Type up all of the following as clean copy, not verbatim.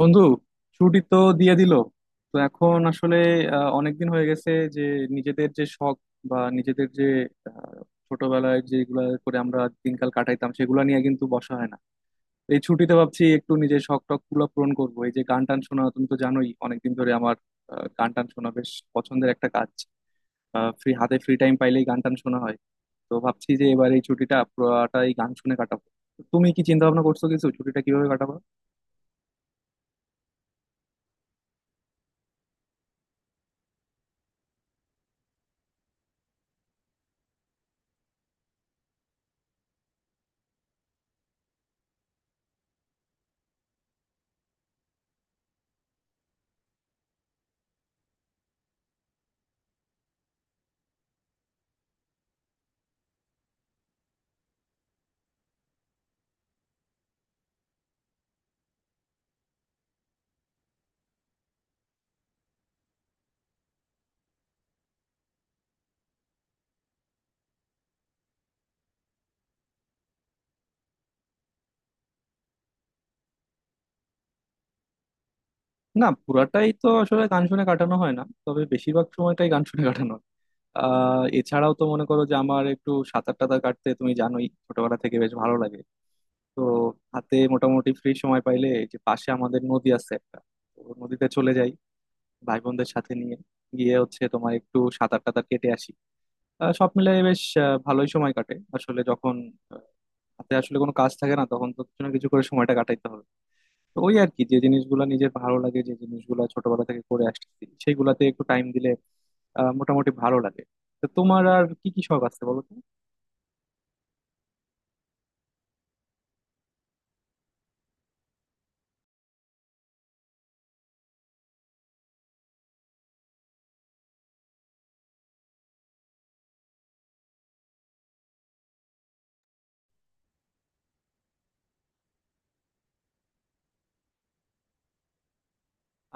বন্ধু, ছুটি তো দিয়ে দিল। তো এখন আসলে অনেকদিন হয়ে গেছে যে নিজেদের যে শখ বা নিজেদের যে আহ, ছোটবেলায় যেগুলা করে আমরা দিনকাল কাটাইতাম সেগুলো নিয়ে কিন্তু বসা হয় না। তো এই ছুটিতে ভাবছি একটু নিজের শখ টখ গুলো পূরণ করবো। এই যে গান টান শোনা, তুমি তো জানোই অনেকদিন ধরে আমার গান টান শোনা বেশ পছন্দের একটা কাজ। ফ্রি হাতে ফ্রি টাইম পাইলেই গান টান শোনা হয়। তো ভাবছি যে এবার এই ছুটিটা পুরোটাই গান শুনে কাটাবো। তো তুমি কি চিন্তা ভাবনা করছো কিছু ছুটিটা কিভাবে কাটাবো? না, পুরাটাই তো আসলে গান শুনে কাটানো হয় না, তবে বেশিরভাগ সময়টাই গান শুনে কাটানো হয়। এছাড়াও তো মনে করো যে আমার একটু সাঁতার টাতার কাটতে তুমি জানোই ছোটবেলা থেকে বেশ ভালো লাগে। তো হাতে মোটামুটি ফ্রি সময় পাইলে এই যে পাশে আমাদের নদী আছে একটা, তো নদীতে চলে যাই ভাই বোনদের সাথে নিয়ে গিয়ে হচ্ছে তোমার একটু সাঁতার টাতার কেটে আসি। সব মিলে বেশ ভালোই সময় কাটে আসলে, যখন আহ, হাতে আসলে কোনো কাজ থাকে না তখন তো কিছু না কিছু করে সময়টা কাটাইতে হবে। তো ওই আর কি, যে জিনিসগুলো নিজের ভালো লাগে, যে জিনিসগুলো ছোটবেলা থেকে করে আসছি, সেইগুলাতে একটু টাইম দিলে মোটামুটি ভালো লাগে। তো তোমার আর কি কি শখ আছে বলো তো?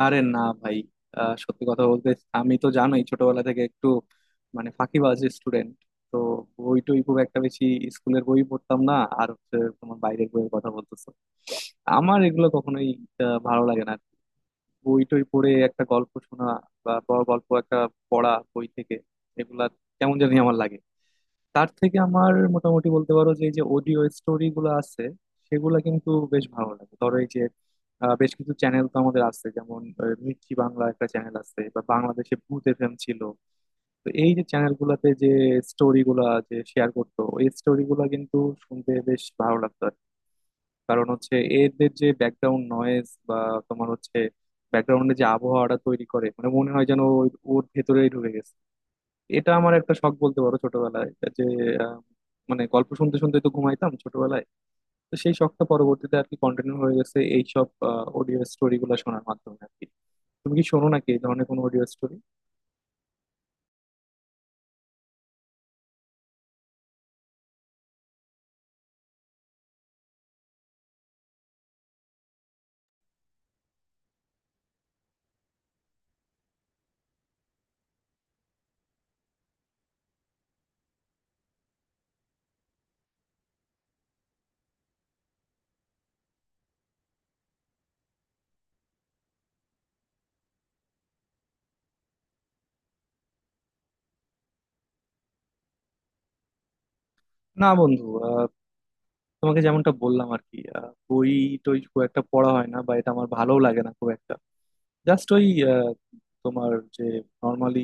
আরে না ভাই, সত্যি কথা বলতে, আমি তো জানোই ছোটবেলা থেকে একটু মানে ফাঁকিবাজ স্টুডেন্ট। তো বই টই খুব একটা বেশি স্কুলের বই পড়তাম না। আর হচ্ছে তোমার বাইরের বইয়ের কথা বলতেছো, আমার এগুলো কখনোই ভালো লাগে না। বই টই পড়ে একটা গল্প শোনা, বা বড় গল্প একটা পড়া বই থেকে, এগুলা কেমন জানি আমার লাগে। তার থেকে আমার মোটামুটি বলতে পারো যে এই যে অডিও স্টোরি গুলো আছে, সেগুলা কিন্তু বেশ ভালো লাগে। ধরো এই যে বেশ কিছু চ্যানেল তো আমাদের আছে, যেমন মির্চি বাংলা একটা চ্যানেল আছে, বা বাংলাদেশে ভূত FM ছিল। তো এই যে চ্যানেল গুলাতে যে স্টোরি গুলা যে শেয়ার করতো, ওই স্টোরি গুলা কিন্তু শুনতে বেশ ভালো লাগতো আর কি। কারণ হচ্ছে এদের যে ব্যাকগ্রাউন্ড নয়েজ বা তোমার হচ্ছে ব্যাকগ্রাউন্ডে যে আবহাওয়াটা তৈরি করে, মানে মনে হয় যেন ওর ভেতরেই ঢুকে গেছে। এটা আমার একটা শখ বলতে পারো ছোটবেলায় যে আহ, মানে গল্প শুনতে শুনতে তো ঘুমাইতাম ছোটবেলায়। তো সেই শখটা পরবর্তীতে আর কি কন্টিনিউ হয়ে গেছে, এইসব অডিও স্টোরি গুলো শোনার মাধ্যমে আর কি। তুমি কি শোনো নাকি এই ধরনের কোনো অডিও স্টোরি? না বন্ধু, তোমাকে যেমনটা বললাম আর কি, বই টই খুব একটা পড়া হয় না, বা এটা আমার ভালোও লাগে না খুব একটা। জাস্ট ওই আহ, তোমার যে নর্মালি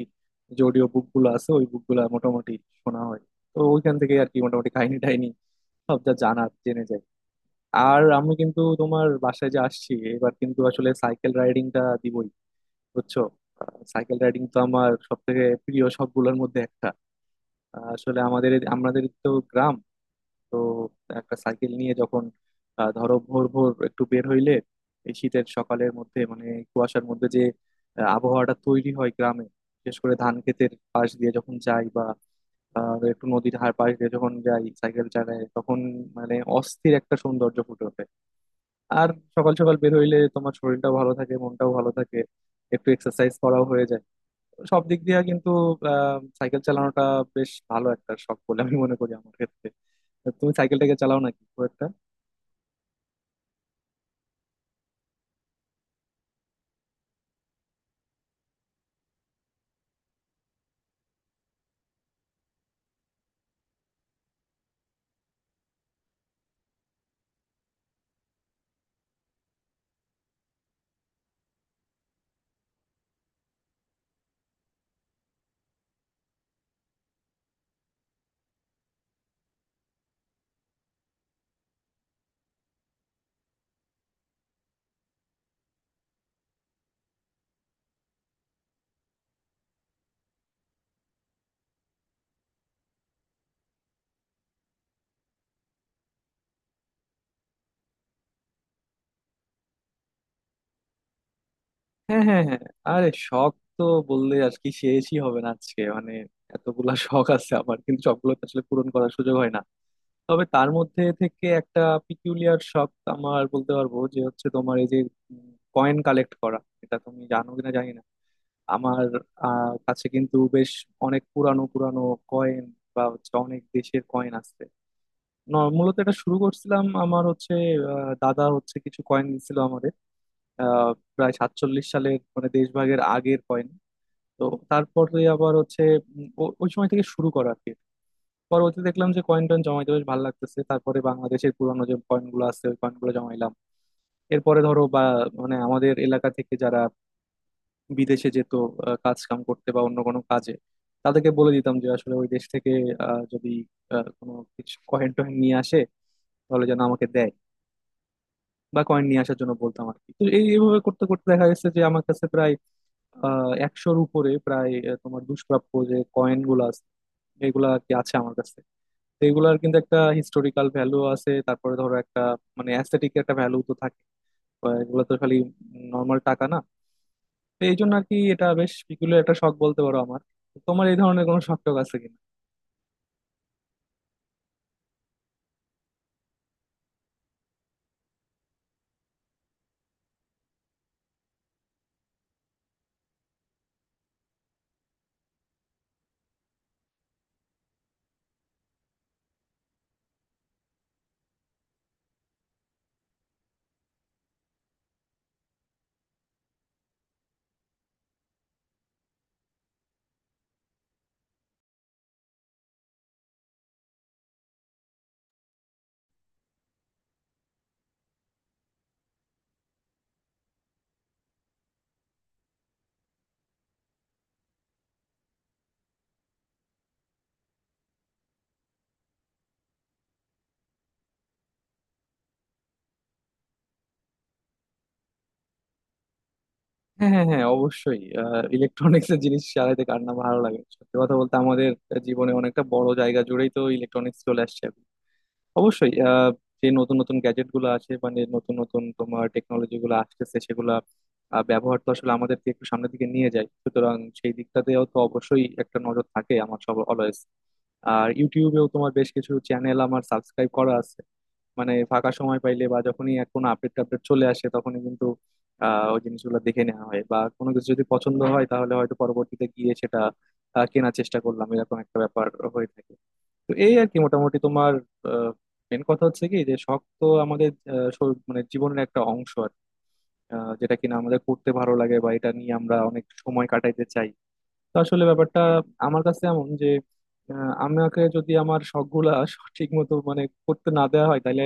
যে অডিও বুক গুলো আছে, ওই বুক গুলা মোটামুটি শোনা হয়। তো ওইখান থেকে আর কি মোটামুটি কাহিনী টাহিনী সব যা জানার জেনে যাই। আর আমি কিন্তু তোমার বাসায় যে আসছি এবার, কিন্তু আসলে সাইকেল রাইডিংটা দিবই, বুঝছো? সাইকেল রাইডিং তো আমার সব থেকে প্রিয় সবগুলোর মধ্যে একটা। আসলে আমাদের আমাদের তো গ্রাম। তো একটা সাইকেল নিয়ে যখন ধরো ভোর ভোর একটু বের হইলে এই শীতের সকালের মধ্যে, মানে কুয়াশার মধ্যে যে আবহাওয়াটা তৈরি হয় গ্রামে, বিশেষ করে ধান ক্ষেতের পাশ দিয়ে যখন যাই, বা একটু নদীর হার পাশ দিয়ে যখন যাই সাইকেল চালায়, তখন মানে অস্থির একটা সৌন্দর্য ফুটে ওঠে। আর সকাল সকাল বের হইলে তোমার শরীরটাও ভালো থাকে, মনটাও ভালো থাকে, একটু এক্সারসাইজ করাও হয়ে যায়। সব দিক দিয়ে কিন্তু সাইকেল চালানোটা বেশ ভালো একটা শখ বলে আমি মনে করি আমার ক্ষেত্রে। তুমি সাইকেলটাকে চালাও নাকি খুব একটা? হ্যাঁ, হ্যাঁ, হ্যাঁ। আরে শখ তো বললে আর কি শেষই হবে না আজকে, মানে এতগুলা শখ আছে আমার, কিন্তু সবগুলো তো আসলে পূরণ করার সুযোগ হয় না। তবে তার মধ্যে থেকে একটা পিকুলিয়ার শখ আমার বলতে পারবো, যে হচ্ছে তোমার এই যে কয়েন কালেক্ট করা। এটা তুমি জানো কিনা জানি না, আমার কাছে কিন্তু বেশ অনেক পুরানো পুরানো কয়েন বা হচ্ছে অনেক দেশের কয়েন আছে। মূলত এটা শুরু করছিলাম, আমার হচ্ছে দাদা হচ্ছে কিছু কয়েন দিছিল আমাদের, আহ, প্রায় 47 সালের, মানে দেশভাগের আগের কয়েন। তো তারপরে আবার হচ্ছে ওই সময় থেকে শুরু করা আর কি। পরবর্তী দেখলাম যে কয়েন টয়েন জমাইতে বেশ ভালো লাগতেছে, তারপরে বাংলাদেশের পুরানো যে কয়েন গুলো আছে ওই কয়েন গুলো জমাইলাম। এরপরে ধরো বা মানে আমাদের এলাকা থেকে যারা বিদেশে যেত কাজ কাম করতে বা অন্য কোনো কাজে, তাদেরকে বলে দিতাম যে আসলে ওই দেশ থেকে যদি কোনো কিছু কয়েন টয়েন নিয়ে আসে তাহলে যেন আমাকে দেয়, বা কয়েন নিয়ে আসার জন্য বলতাম আর কি। তো এইভাবে করতে করতে দেখা গেছে যে আমার কাছে প্রায় একশোর উপরে প্রায় তোমার দুষ্প্রাপ্য যে কয়েন গুলো আছে, এগুলা আর কি আছে আমার কাছে। তো এগুলার কিন্তু একটা হিস্টোরিক্যাল ভ্যালু আছে, তারপরে ধরো একটা মানে অ্যাস্থেটিক একটা ভ্যালু তো থাকে। এগুলো তো খালি নর্মাল টাকা না। তো এই জন্য আর কি এটা বেশ পিকুলিয়ার একটা শখ বলতে পারো আমার। তো তোমার এই ধরনের কোনো শখ টখ আছে কিনা? হ্যাঁ, হ্যাঁ, হ্যাঁ, অবশ্যই। ইলেকট্রনিক্স এর জিনিস চালাইতে কার না ভালো লাগে, সত্যি কথা বলতে আমাদের জীবনে অনেকটা বড় জায়গা জুড়েই তো ইলেকট্রনিক্স চলে আসছে। অবশ্যই যে নতুন নতুন গ্যাজেট গুলো আছে, মানে নতুন নতুন তোমার টেকনোলজি গুলো আসতেছে সেগুলা ব্যবহার তো আসলে আমাদেরকে একটু সামনের দিকে নিয়ে যায়, সুতরাং সেই দিকটাতেও তো অবশ্যই একটা নজর থাকে আমার সব অলওয়েজ। আর ইউটিউবেও তোমার বেশ কিছু চ্যানেল আমার সাবস্ক্রাইব করা আছে, মানে ফাঁকা সময় পাইলে বা যখনই এক কোনো আপডেট টাপডেট চলে আসে তখনই কিন্তু ওই জিনিসগুলো দেখে নেওয়া হয়, বা কোনো কিছু যদি পছন্দ হয় তাহলে হয়তো পরবর্তীতে গিয়ে সেটা কেনার চেষ্টা করলাম, এরকম একটা ব্যাপার হয়ে থাকে। তো এই আর কি মোটামুটি তোমার মেন কথা হচ্ছে কি, যে শখ তো আমাদের মানে জীবনের একটা অংশ আর কি। যেটা কিনা আমাদের করতে ভালো লাগে বা এটা নিয়ে আমরা অনেক সময় কাটাইতে চাই। তো আসলে ব্যাপারটা আমার কাছে এমন যে আমাকে যদি আমার শখ গুলা সঠিক মতো মানে করতে না দেওয়া হয় তাহলে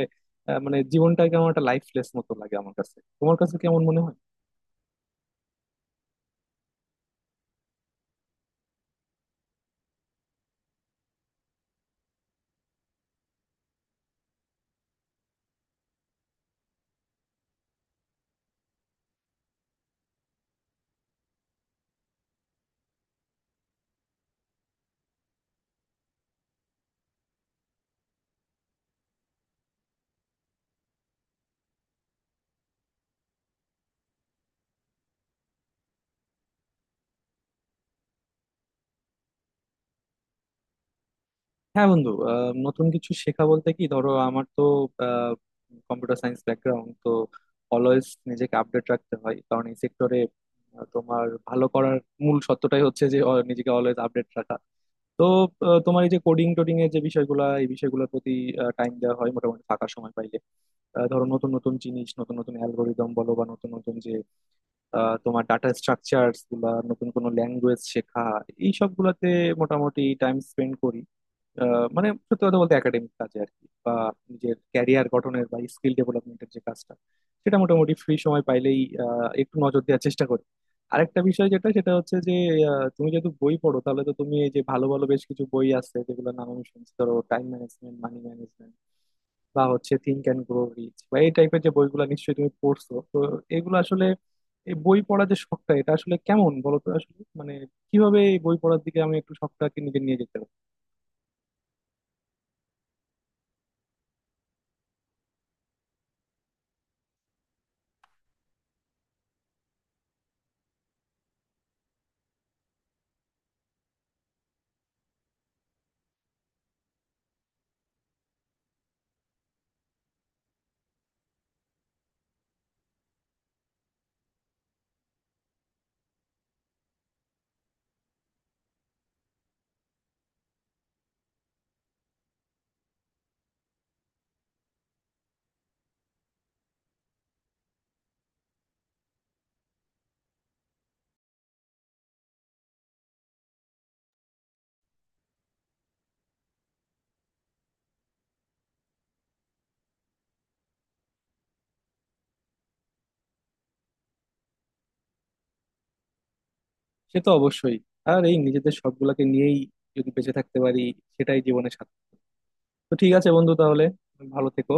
মানে জীবনটাকে আমার একটা লাইফলেস মতো লাগে আমার কাছে। তোমার কাছে কেমন মনে হয়? হ্যাঁ বন্ধু, নতুন কিছু শেখা বলতে কি ধরো, আমার তো কম্পিউটার সায়েন্স ব্যাকগ্রাউন্ড, তো অলওয়েজ নিজেকে আপডেট রাখতে হয়, কারণ এই সেক্টরে তোমার ভালো করার মূল সত্যটাই হচ্ছে যে নিজেকে অলওয়েজ আপডেট রাখা। তো তোমার এই যে কোডিং টোডিং এর যে বিষয়গুলো, এই বিষয়গুলোর প্রতি টাইম দেওয়া হয় মোটামুটি ফাঁকা সময় পাইলে। ধরো নতুন নতুন জিনিস, নতুন নতুন অ্যালগোরিদম বলো বা নতুন নতুন যে তোমার ডাটা স্ট্রাকচার গুলা, নতুন কোনো ল্যাঙ্গুয়েজ শেখা, এই সবগুলাতে মোটামুটি টাইম স্পেন্ড করি। মানে সত্যি কথা বলতে একাডেমিক কাজে আর কি, বা নিজের ক্যারিয়ার গঠনের বা স্কিল ডেভেলপমেন্টের যে কাজটা, সেটা মোটামুটি ফ্রি সময় পাইলেই একটু নজর দেওয়ার চেষ্টা করি। আরেকটা বিষয় যেটা, সেটা হচ্ছে যে তুমি যেহেতু বই পড়ো তাহলে তো তুমি এই যে ভালো ভালো বেশ কিছু বই আছে যেগুলোর নাম আমি শুনছি, ধরো টাইম ম্যানেজমেন্ট, মানি ম্যানেজমেন্ট বা হচ্ছে থিঙ্ক অ্যান্ড গ্রো রিচ, বা এই টাইপের যে বইগুলো নিশ্চয়ই তুমি পড়ছো। তো এগুলো আসলে, এই বই পড়ার যে শখটা এটা আসলে কেমন বলো তো? আসলে মানে কিভাবে এই বই পড়ার দিকে আমি একটু শখটাকে নিজে নিয়ে যেতে পারি? সে তো অবশ্যই। আর এই নিজেদের সবগুলাকে নিয়েই যদি বেঁচে থাকতে পারি, সেটাই জীবনে সার্থক। তো ঠিক আছে বন্ধু, তাহলে ভালো থেকো।